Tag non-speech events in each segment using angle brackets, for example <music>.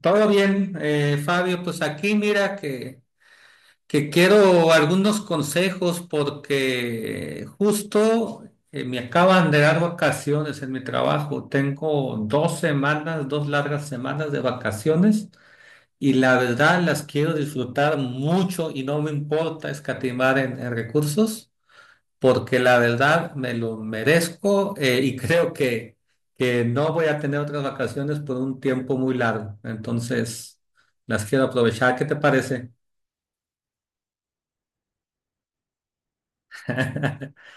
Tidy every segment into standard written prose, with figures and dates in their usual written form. Todo bien, Fabio, pues aquí mira que quiero algunos consejos porque justo me acaban de dar vacaciones en mi trabajo. Tengo 2 semanas, 2 largas semanas de vacaciones y la verdad las quiero disfrutar mucho y no me importa escatimar en recursos porque la verdad me lo merezco y <laughs> creo que no voy a tener otras vacaciones por un tiempo muy largo. Entonces, las quiero aprovechar. ¿Qué te parece? <laughs>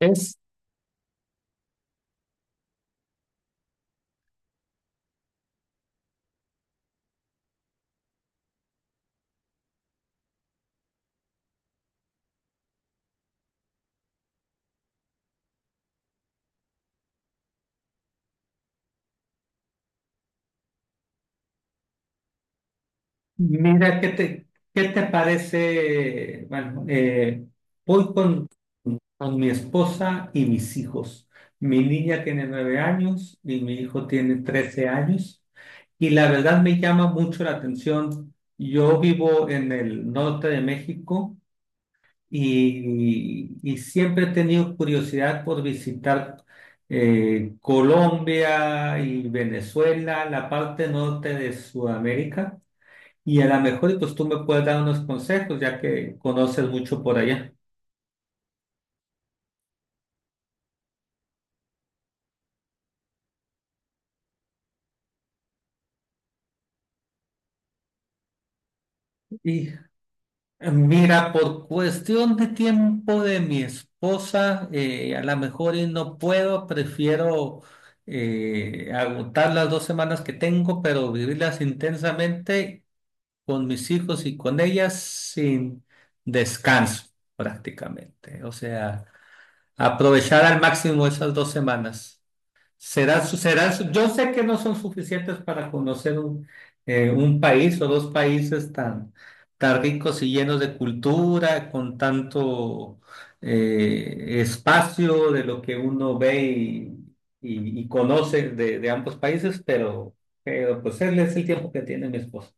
Es Mira, ¿ qué te parece? Bueno, voy con mi esposa y mis hijos. Mi niña tiene 9 años y mi hijo tiene 13 años. Y la verdad me llama mucho la atención. Yo vivo en el norte de México y siempre he tenido curiosidad por visitar Colombia y Venezuela, la parte norte de Sudamérica. Y a lo mejor y pues tú me puedes dar unos consejos, ya que conoces mucho por allá. Y mira, por cuestión de tiempo de mi esposa, a lo mejor y no puedo, prefiero agotar las 2 semanas que tengo, pero vivirlas intensamente con mis hijos y con ellas sin descanso prácticamente. O sea, aprovechar al máximo esas 2 semanas. Yo sé que no son suficientes para conocer un país o dos países tan, tan ricos y llenos de cultura, con tanto espacio de lo que uno ve y conoce de ambos países, pero pues él es el tiempo que tiene mi esposo.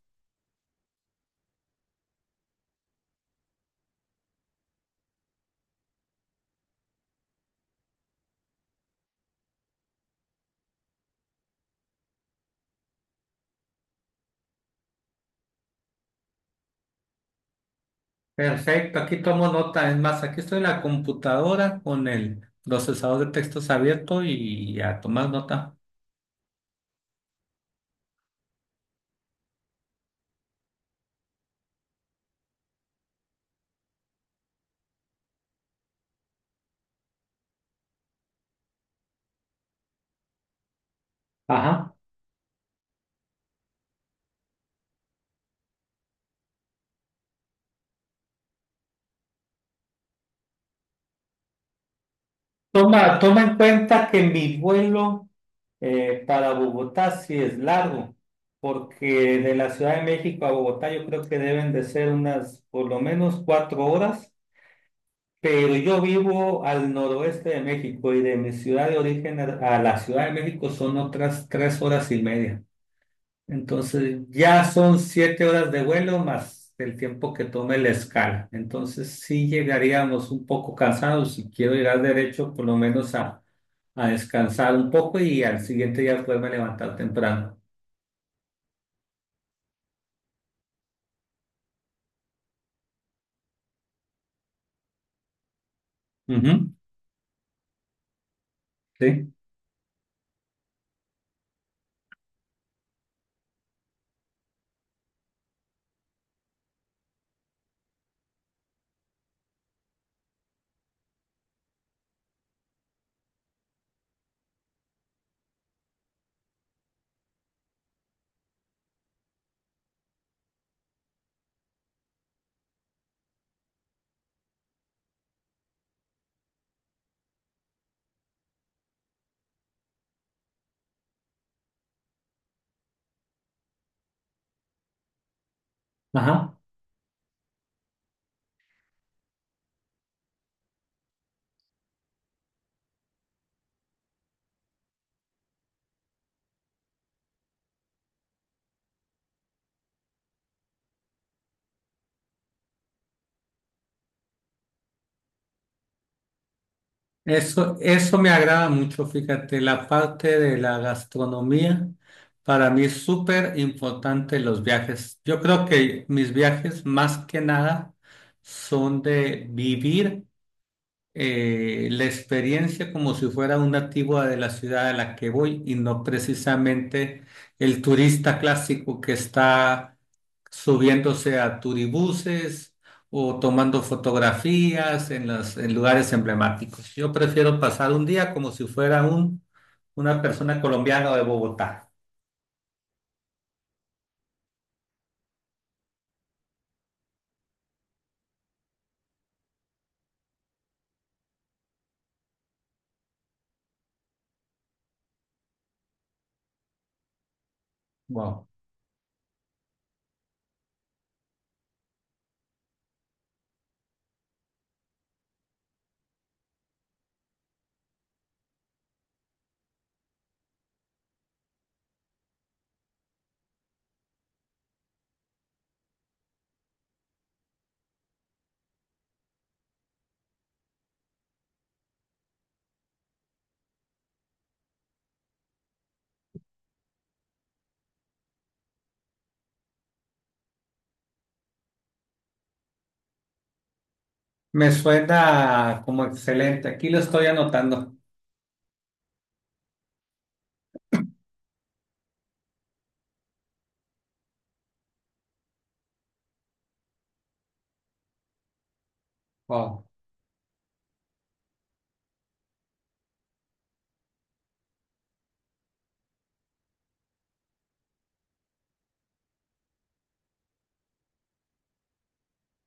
Perfecto, aquí tomo nota. Es más, aquí estoy en la computadora con el procesador de textos abierto y a tomar nota. Ajá. Toma, toma en cuenta que mi vuelo para Bogotá sí es largo, porque de la Ciudad de México a Bogotá yo creo que deben de ser unas por lo menos 4 horas, pero yo vivo al noroeste de México y de mi ciudad de origen a la Ciudad de México son otras 3 horas y media. Entonces ya son 7 horas de vuelo más el tiempo que tome la escala. Entonces sí llegaríamos un poco cansados. Si quiero llegar derecho, por lo menos a descansar un poco y al siguiente día poderme levantar temprano. Ujú, sí, ajá. Eso me agrada mucho, fíjate, la parte de la gastronomía. Para mí es súper importante los viajes. Yo creo que mis viajes más que nada son de vivir la experiencia como si fuera un nativo de la ciudad a la que voy y no precisamente el turista clásico que está subiéndose a turibuses o tomando fotografías en en lugares emblemáticos. Yo prefiero pasar un día como si fuera una persona colombiana de Bogotá. Wow. Me suena como excelente. Aquí lo estoy anotando. Wow.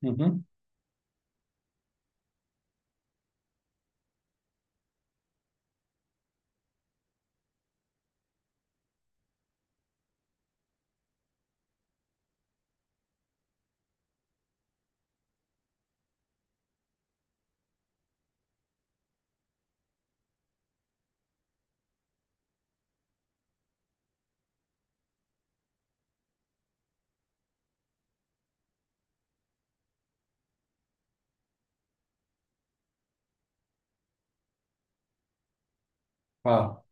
Ujú. Wow.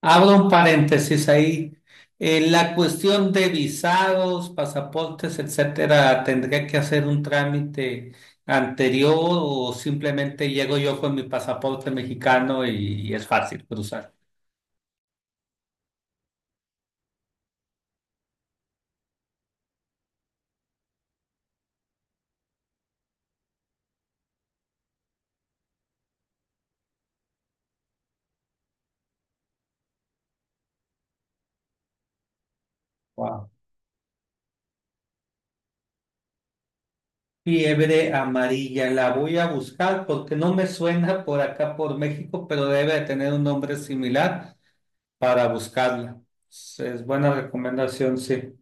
Abro un paréntesis ahí. La cuestión de visados, pasaportes, etcétera, ¿tendría que hacer un trámite anterior o simplemente llego yo con mi pasaporte mexicano y es fácil cruzar? Wow. Fiebre amarilla, la voy a buscar porque no me suena por acá por México, pero debe de tener un nombre similar para buscarla. Es buena recomendación, sí.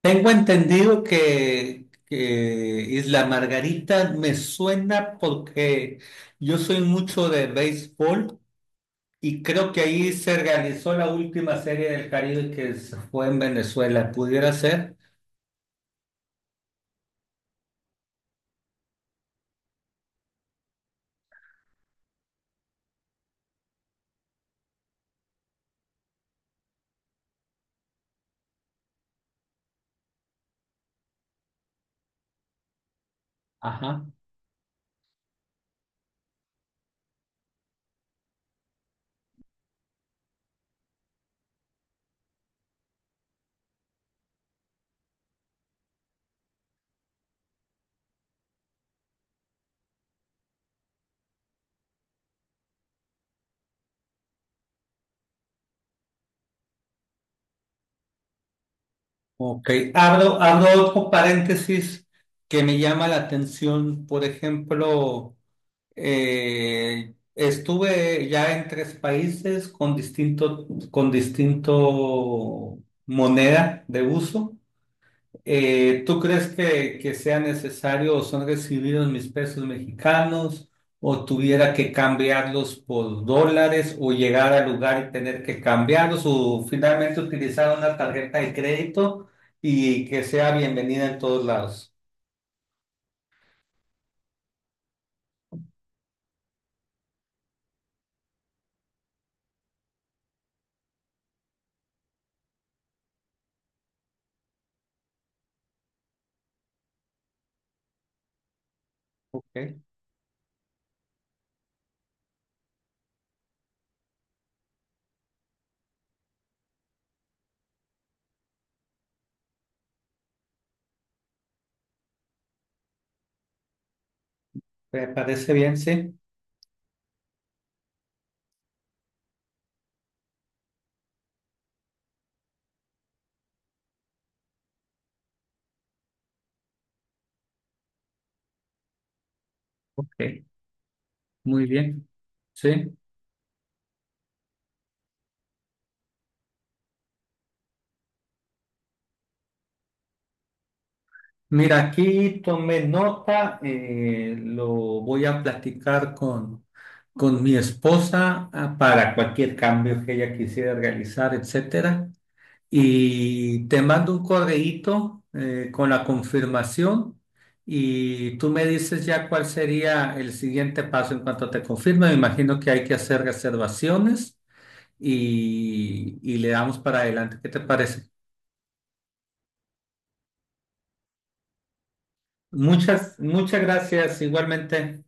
Tengo entendido que Isla Margarita me suena porque yo soy mucho de béisbol y creo que ahí se realizó la última serie del Caribe que se fue en Venezuela. ¿Pudiera ser? Ajá. Ok. Abro otro paréntesis que me llama la atención. Por ejemplo. Estuve ya en tres países con distinto moneda de uso. ¿Tú crees que sea necesario o son recibidos mis pesos mexicanos o tuviera que cambiarlos por dólares o llegar al lugar y tener que cambiarlos o finalmente utilizar una tarjeta de crédito y que sea bienvenida en todos lados? Ok, ¿me parece bien? Sí. Ok, muy bien. Sí. Mira, aquí tomé nota, lo voy a platicar con mi esposa ah, para cualquier cambio que ella quisiera realizar, etcétera. Y te mando un correíto con la confirmación y tú me dices ya cuál sería el siguiente paso en cuanto te confirme. Me imagino que hay que hacer reservaciones y le damos para adelante. ¿Qué te parece? Muchas, muchas gracias igualmente.